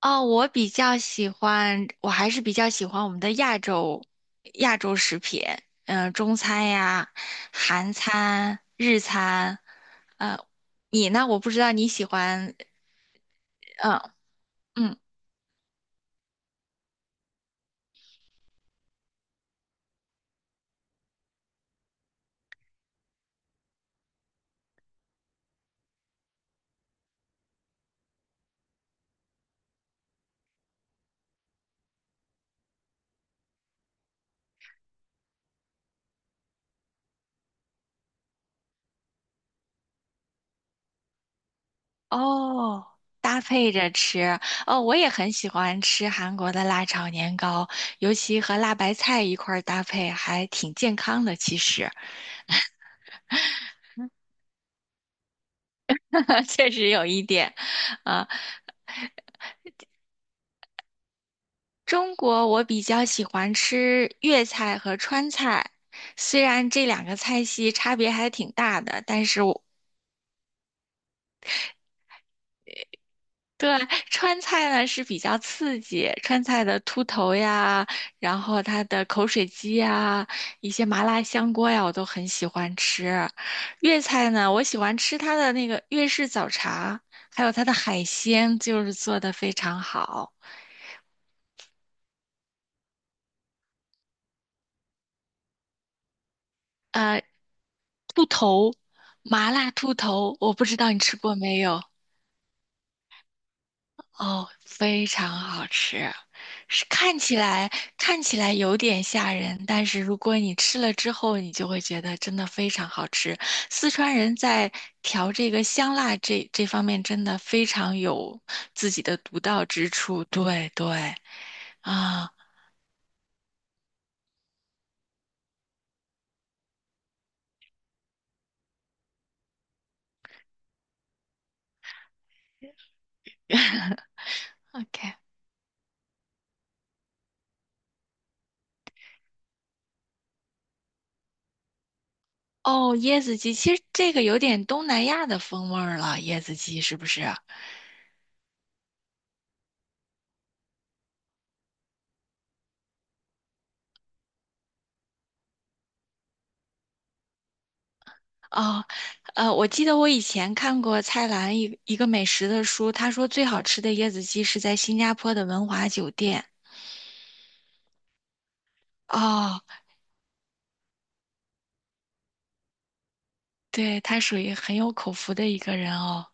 哦，我比较喜欢，我还是比较喜欢我们的亚洲食品，嗯、中餐呀、韩餐、日餐。呃，你呢？我不知道你喜欢。嗯嗯。哦，搭配着吃。哦，我也很喜欢吃韩国的辣炒年糕，尤其和辣白菜一块儿搭配，还挺健康的，其实。确实有一点。啊。中国我比较喜欢吃粤菜和川菜，虽然这两个菜系差别还挺大的，但是我对川菜呢是比较刺激，川菜的秃头呀，然后它的口水鸡呀，一些麻辣香锅呀，我都很喜欢吃。粤菜呢，我喜欢吃它的那个粤式早茶，还有它的海鲜，就是做的非常好。呃，兔头，麻辣兔头，我不知道你吃过没有。哦，非常好吃，是看起来有点吓人，但是如果你吃了之后，你就会觉得真的非常好吃。四川人在调这个香辣这方面真的非常有自己的独到之处。对对。啊，OK。哦，椰子鸡，其实这个有点东南亚的风味儿了，椰子鸡是不是？哦，我记得我以前看过蔡澜一个美食的书，他说最好吃的椰子鸡是在新加坡的文华酒店。哦，对，他属于很有口福的一个人哦。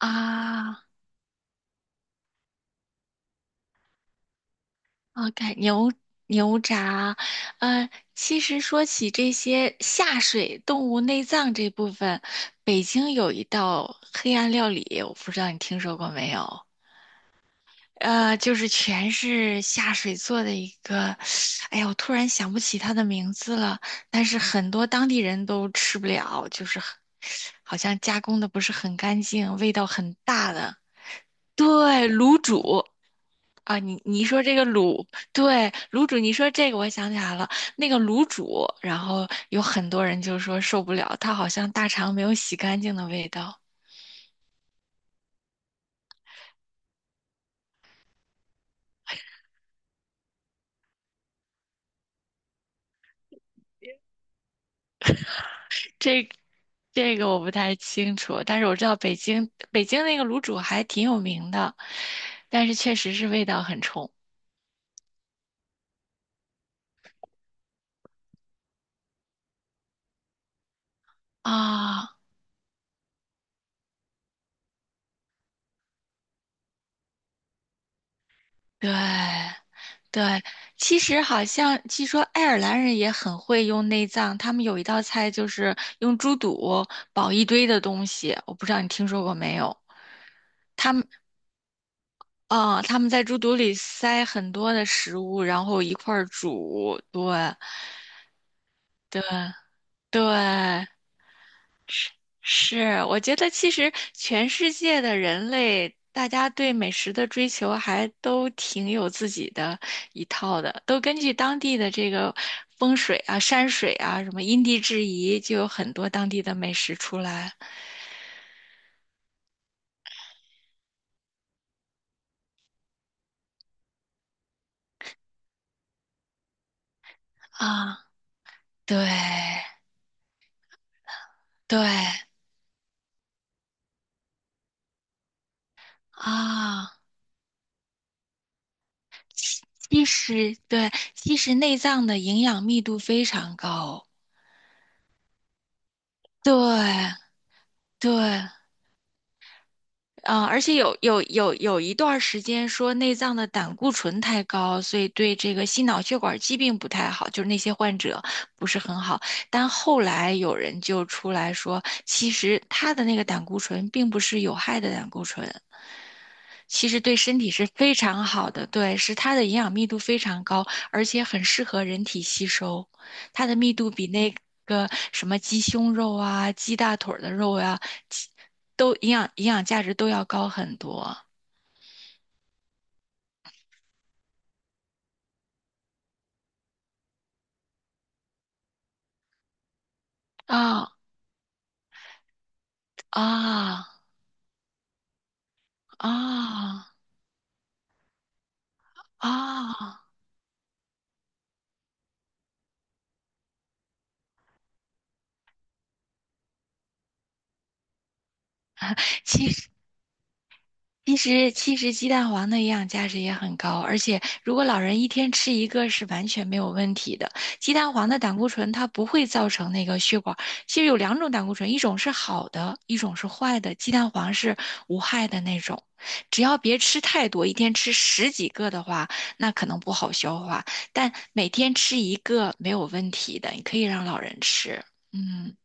啊，OK。牛杂。嗯，其实说起这些下水动物内脏这部分，北京有一道黑暗料理，我不知道你听说过没有？就是全是下水做的一个，哎呀，我突然想不起它的名字了。但是很多当地人都吃不了，就是很好像加工的不是很干净，味道很大的。对，卤煮啊。你你说这个卤，对，卤煮，你说这个，我想起来了，那个卤煮，然后有很多人就说受不了，它好像大肠没有洗干净的味道。这这个我不太清楚，但是我知道北京那个卤煮还挺有名的，但是确实是味道很冲啊。对对。其实好像据说爱尔兰人也很会用内脏，他们有一道菜就是用猪肚煲一堆的东西，我不知道你听说过没有？啊，他们在猪肚里塞很多的食物，然后一块儿煮，对对对。是，是，我觉得其实全世界的人类，大家对美食的追求还都挺有自己的一套的，都根据当地的这个风水啊、山水啊、什么因地制宜，就有很多当地的美食出来啊。对对啊。其实对，其实内脏的营养密度非常高。对对。嗯，而且有一段儿时间说内脏的胆固醇太高，所以对这个心脑血管疾病不太好，就是那些患者不是很好。但后来有人就出来说，其实他的那个胆固醇并不是有害的胆固醇，其实对身体是非常好的，对，是它的营养密度非常高，而且很适合人体吸收。它的密度比那个什么鸡胸肉啊、鸡大腿儿的肉呀、鸡都营养价值都要高很多。啊啊啊啊！其实，其实鸡蛋黄的营养价值也很高，而且如果老人一天吃一个是完全没有问题的。鸡蛋黄的胆固醇它不会造成那个血管，其实有两种胆固醇，一种是好的，一种是坏的。鸡蛋黄是无害的那种，只要别吃太多，一天吃十几个的话，那可能不好消化，但每天吃一个没有问题的，你可以让老人吃。嗯。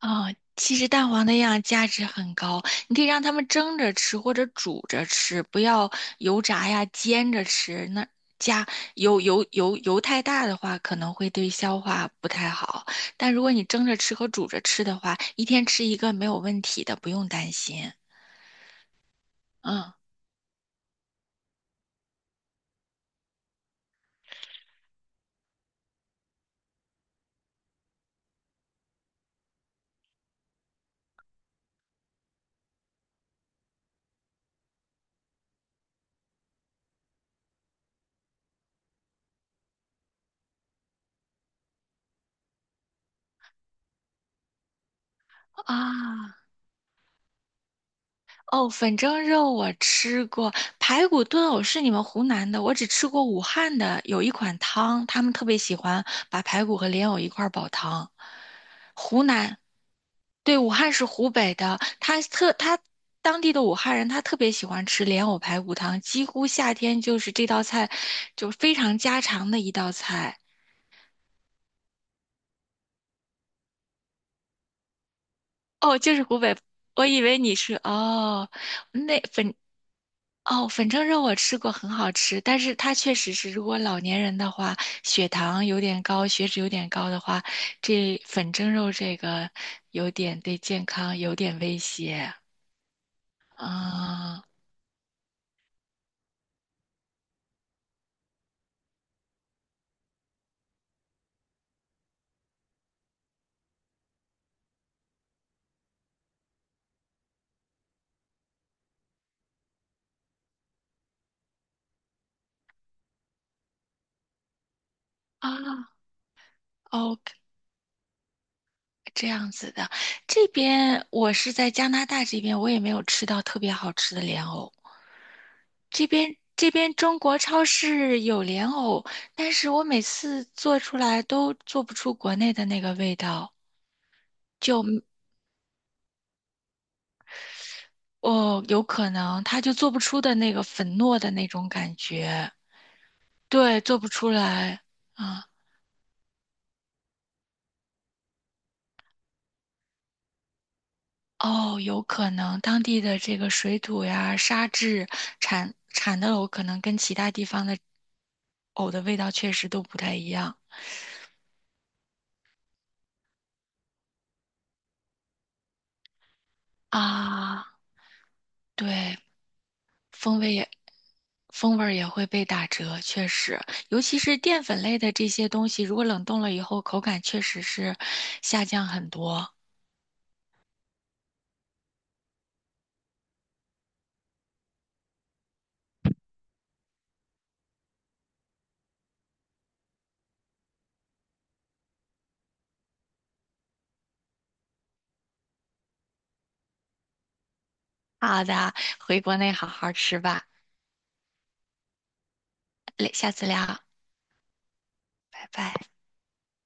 啊、其实蛋黄那样价值很高，你可以让他们蒸着吃或者煮着吃，不要油炸呀、煎着吃。那加油太大的话，可能会对消化不太好。但如果你蒸着吃和煮着吃的话，一天吃一个没有问题的，不用担心。嗯啊。哦，粉蒸肉我吃过，排骨炖藕是你们湖南的，我只吃过武汉的，有一款汤，他们特别喜欢把排骨和莲藕一块儿煲汤。湖南，对，武汉是湖北的，他当地的武汉人，他特别喜欢吃莲藕排骨汤，几乎夏天就是这道菜，就非常家常的一道菜。哦，就是湖北，我以为你是哦，那粉哦，粉蒸肉我吃过，很好吃，但是它确实是，如果老年人的话，血糖有点高，血脂有点高的话，这粉蒸肉这个有点对健康有点威胁。啊啊。哦，这样子的。这边我是在加拿大这边，我也没有吃到特别好吃的莲藕。这边中国超市有莲藕，但是我每次做出来都做不出国内的那个味道。就。哦，有可能他就做不出的那个粉糯的那种感觉，对，做不出来啊。哦，有可能当地的这个水土呀、沙质产的藕，可能跟其他地方的藕的味道确实都不太一样啊。对，风味也风味儿也会被打折，确实，尤其是淀粉类的这些东西，如果冷冻了以后，口感确实是下降很多。好的，回国内好好吃吧，嘞下次聊。拜拜。